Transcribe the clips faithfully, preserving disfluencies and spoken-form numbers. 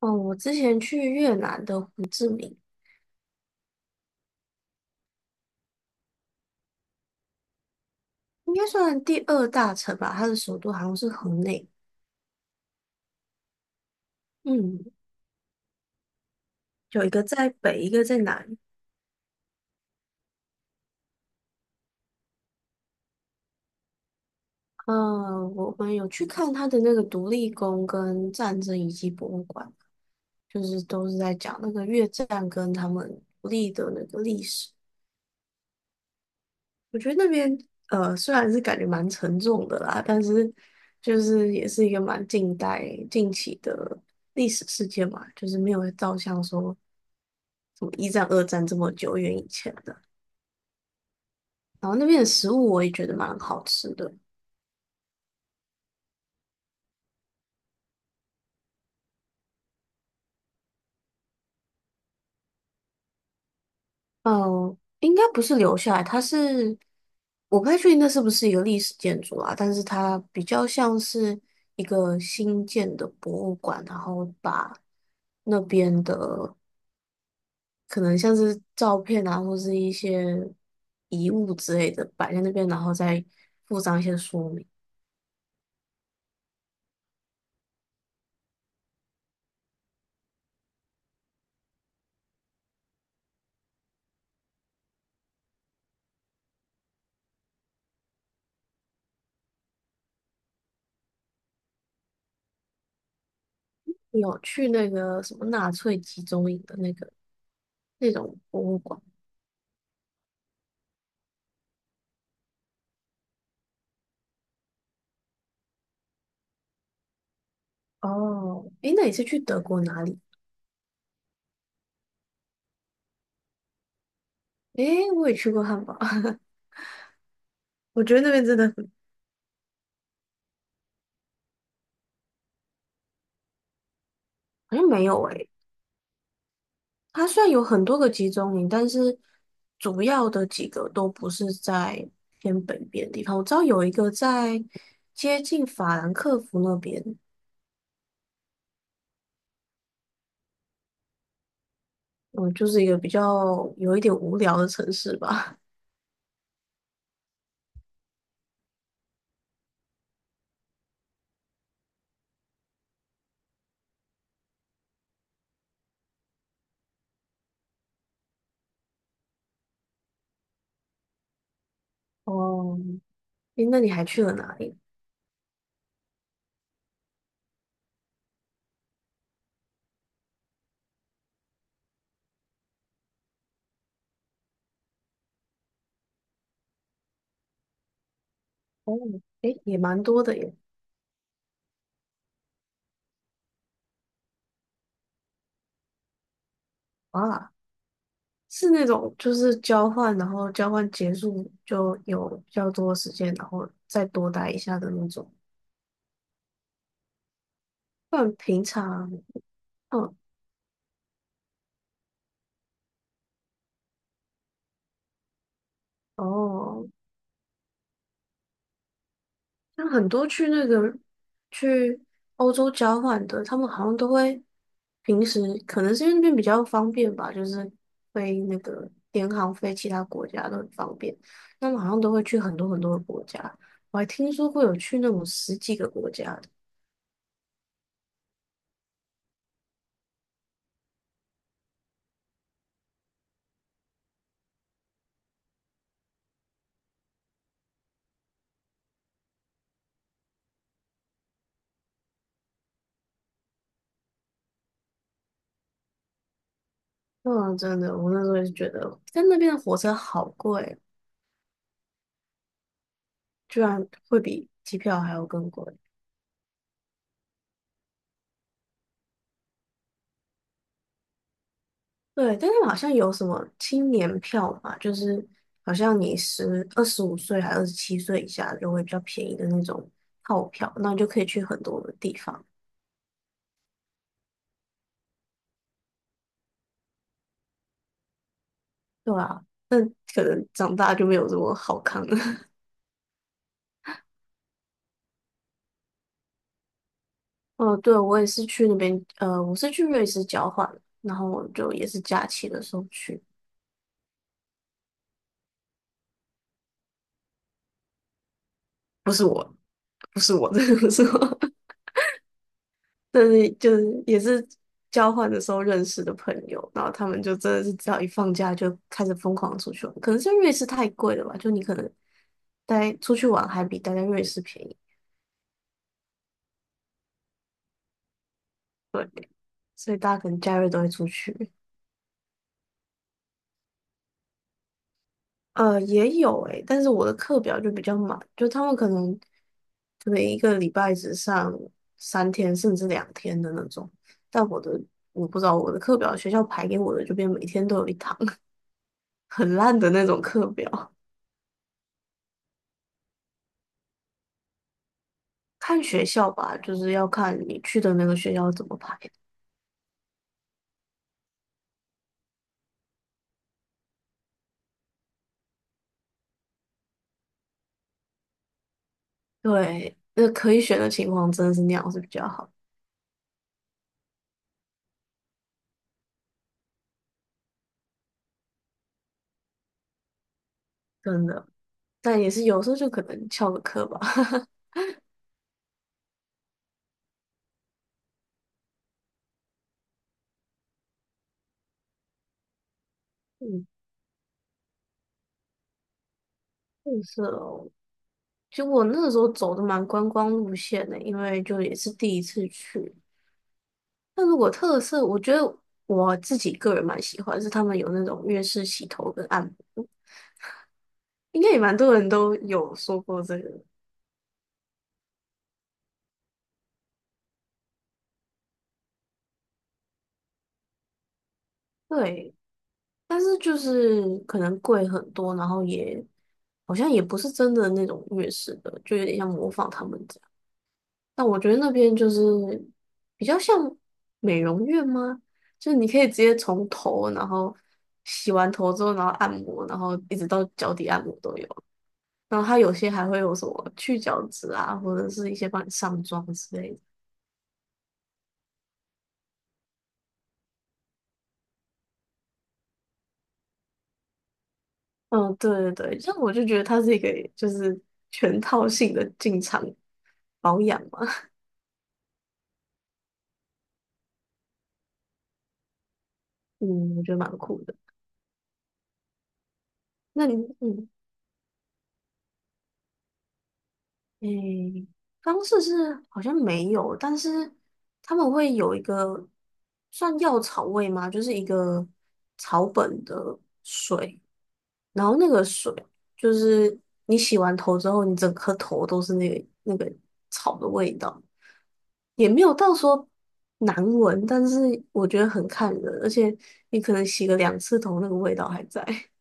哦，我之前去越南的胡志明，应该算第二大城吧，它的首都好像是河内。嗯，有一个在北，一个在南。嗯，我们有去看它的那个独立宫跟战争遗迹博物馆，就是都是在讲那个越战跟他们独立的那个历史。我觉得那边呃，虽然是感觉蛮沉重的啦，但是就是也是一个蛮近代近期的历史事件嘛，就是没有照相说什么一战、二战这么久远以前的。然后那边的食物我也觉得蛮好吃的，嗯，应该不是留下来，它是我不太确定那是不是一个历史建筑啊，但是它比较像是一个新建的博物馆，然后把那边的可能像是照片啊，或是一些遗物之类的摆在那边，然后再附上一些说明。你有去那个什么纳粹集中营的那个那种博物馆？哦，诶，那你是去德国哪里？诶，我也去过汉堡，我觉得那边真的很，好像没有诶。它虽然有很多个集中营，但是主要的几个都不是在偏北边的地方。我知道有一个在接近法兰克福那边，嗯，就是一个比较有一点无聊的城市吧。哦，诶，那你还去了哪里？哦，诶，也蛮多的耶。啊，是那种就是交换，然后交换结束就有比较多时间，然后再多待一下的那种。不然平常，嗯，哦，像很多去那个去欧洲交换的，他们好像都会平时可能是因为那边比较方便吧，就是飞那个联航飞其他国家都很方便。他们好像都会去很多很多的国家，我还听说会有去那种十几个国家的。嗯，真的，我那时候也是觉得在那边的火车好贵哦，居然会比机票还要更贵。对，但是好像有什么青年票嘛，就是好像你十二十五岁还二十七岁以下就会比较便宜的那种套票，那你就可以去很多的地方，对啊，可能长大就没有这么好看了。哦，对，我也是去那边，呃，我是去瑞士交换，然后就也是假期的时候去，不是我，不是我，真的不是我。但是就是也是交换的时候认识的朋友，然后他们就真的是只要一放假就开始疯狂出去玩，可能是因为瑞士太贵了吧，就你可能待出去玩还比待在瑞士便宜，所以大家可能假日都会出去。呃，也有诶、但是我的课表就比较满，就他们可能可能一个礼拜只上三天甚至两天的那种，但我的我不知道我的课表学校排给我的就变每天都有一堂 很烂的那种课表。看学校吧，就是要看你去的那个学校怎么排。对，那可以选的情况真的是那样是比较好，真的。但也是有时候就可能翘个课吧。嗯，特色哦。其实我那个时候走的蛮观光路线的，因为就也是第一次去。那如果特色，我觉得我自己个人蛮喜欢，是他们有那种粤式洗头跟按摩，应该也蛮多人都有说过这个。对，但是就是可能贵很多，然后也好像也不是真的那种粤式的，就有点像模仿他们这样。但我觉得那边就是比较像美容院吗？就是你可以直接从头，然后洗完头之后，然后按摩，然后一直到脚底按摩都有。然后它有些还会有什么去角质啊，或者是一些帮你上妆之类的。嗯，对对对，这样我就觉得它是一个就是全套性的进场保养嘛。嗯，我觉得蛮酷的。那你，嗯，诶，方式是好像没有，但是他们会有一个算药草味吗？就是一个草本的水，然后那个水就是你洗完头之后，你整颗头都是那个那个草的味道，也没有到说难闻，但是我觉得很看人，而且你可能洗个两次头，那个味道还在。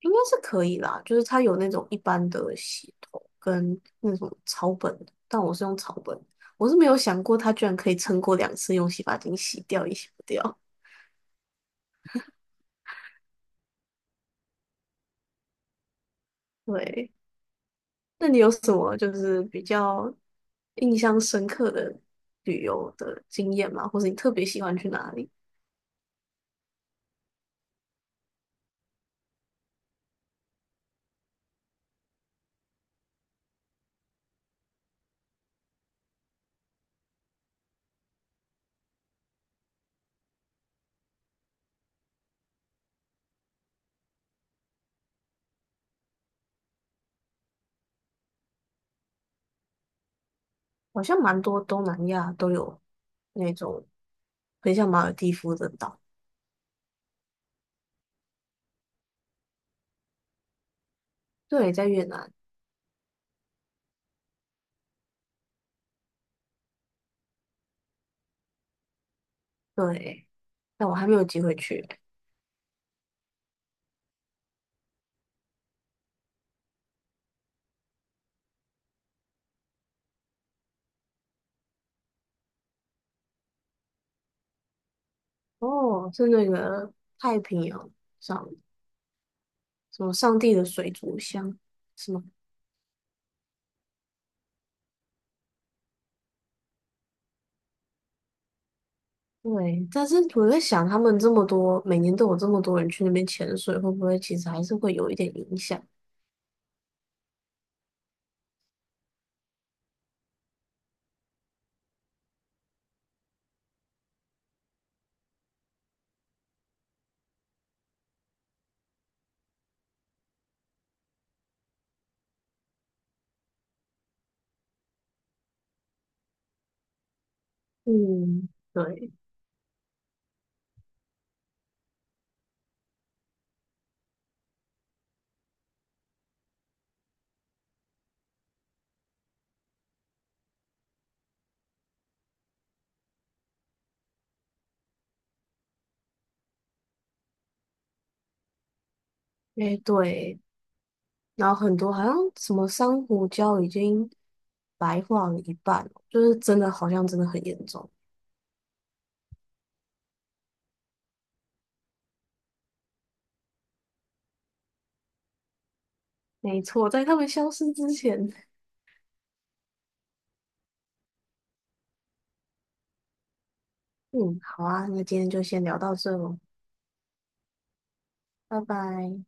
应该是可以啦，就是它有那种一般的洗头跟那种草本的但我是用草本的我是没有想过它居然可以撑过两次用洗发精洗掉也洗不掉。对，那你有什么就是比较印象深刻的旅游的经验吗？或者你特别喜欢去哪里？好像蛮多东南亚都有那种很像马尔地夫的岛，对，在越南，对，但我还没有机会去。哦，是那个太平洋上什么上帝的水族箱是吗？对，但是我在想，他们这么多，每年都有这么多人去那边潜水，会不会其实还是会有一点影响？嗯，对，诶，对，然后很多好像什么珊瑚礁已经白化了一半了就是真的好像真的很严重。没错，在他们消失之前，嗯，好啊，那今天就先聊到这喽，拜拜。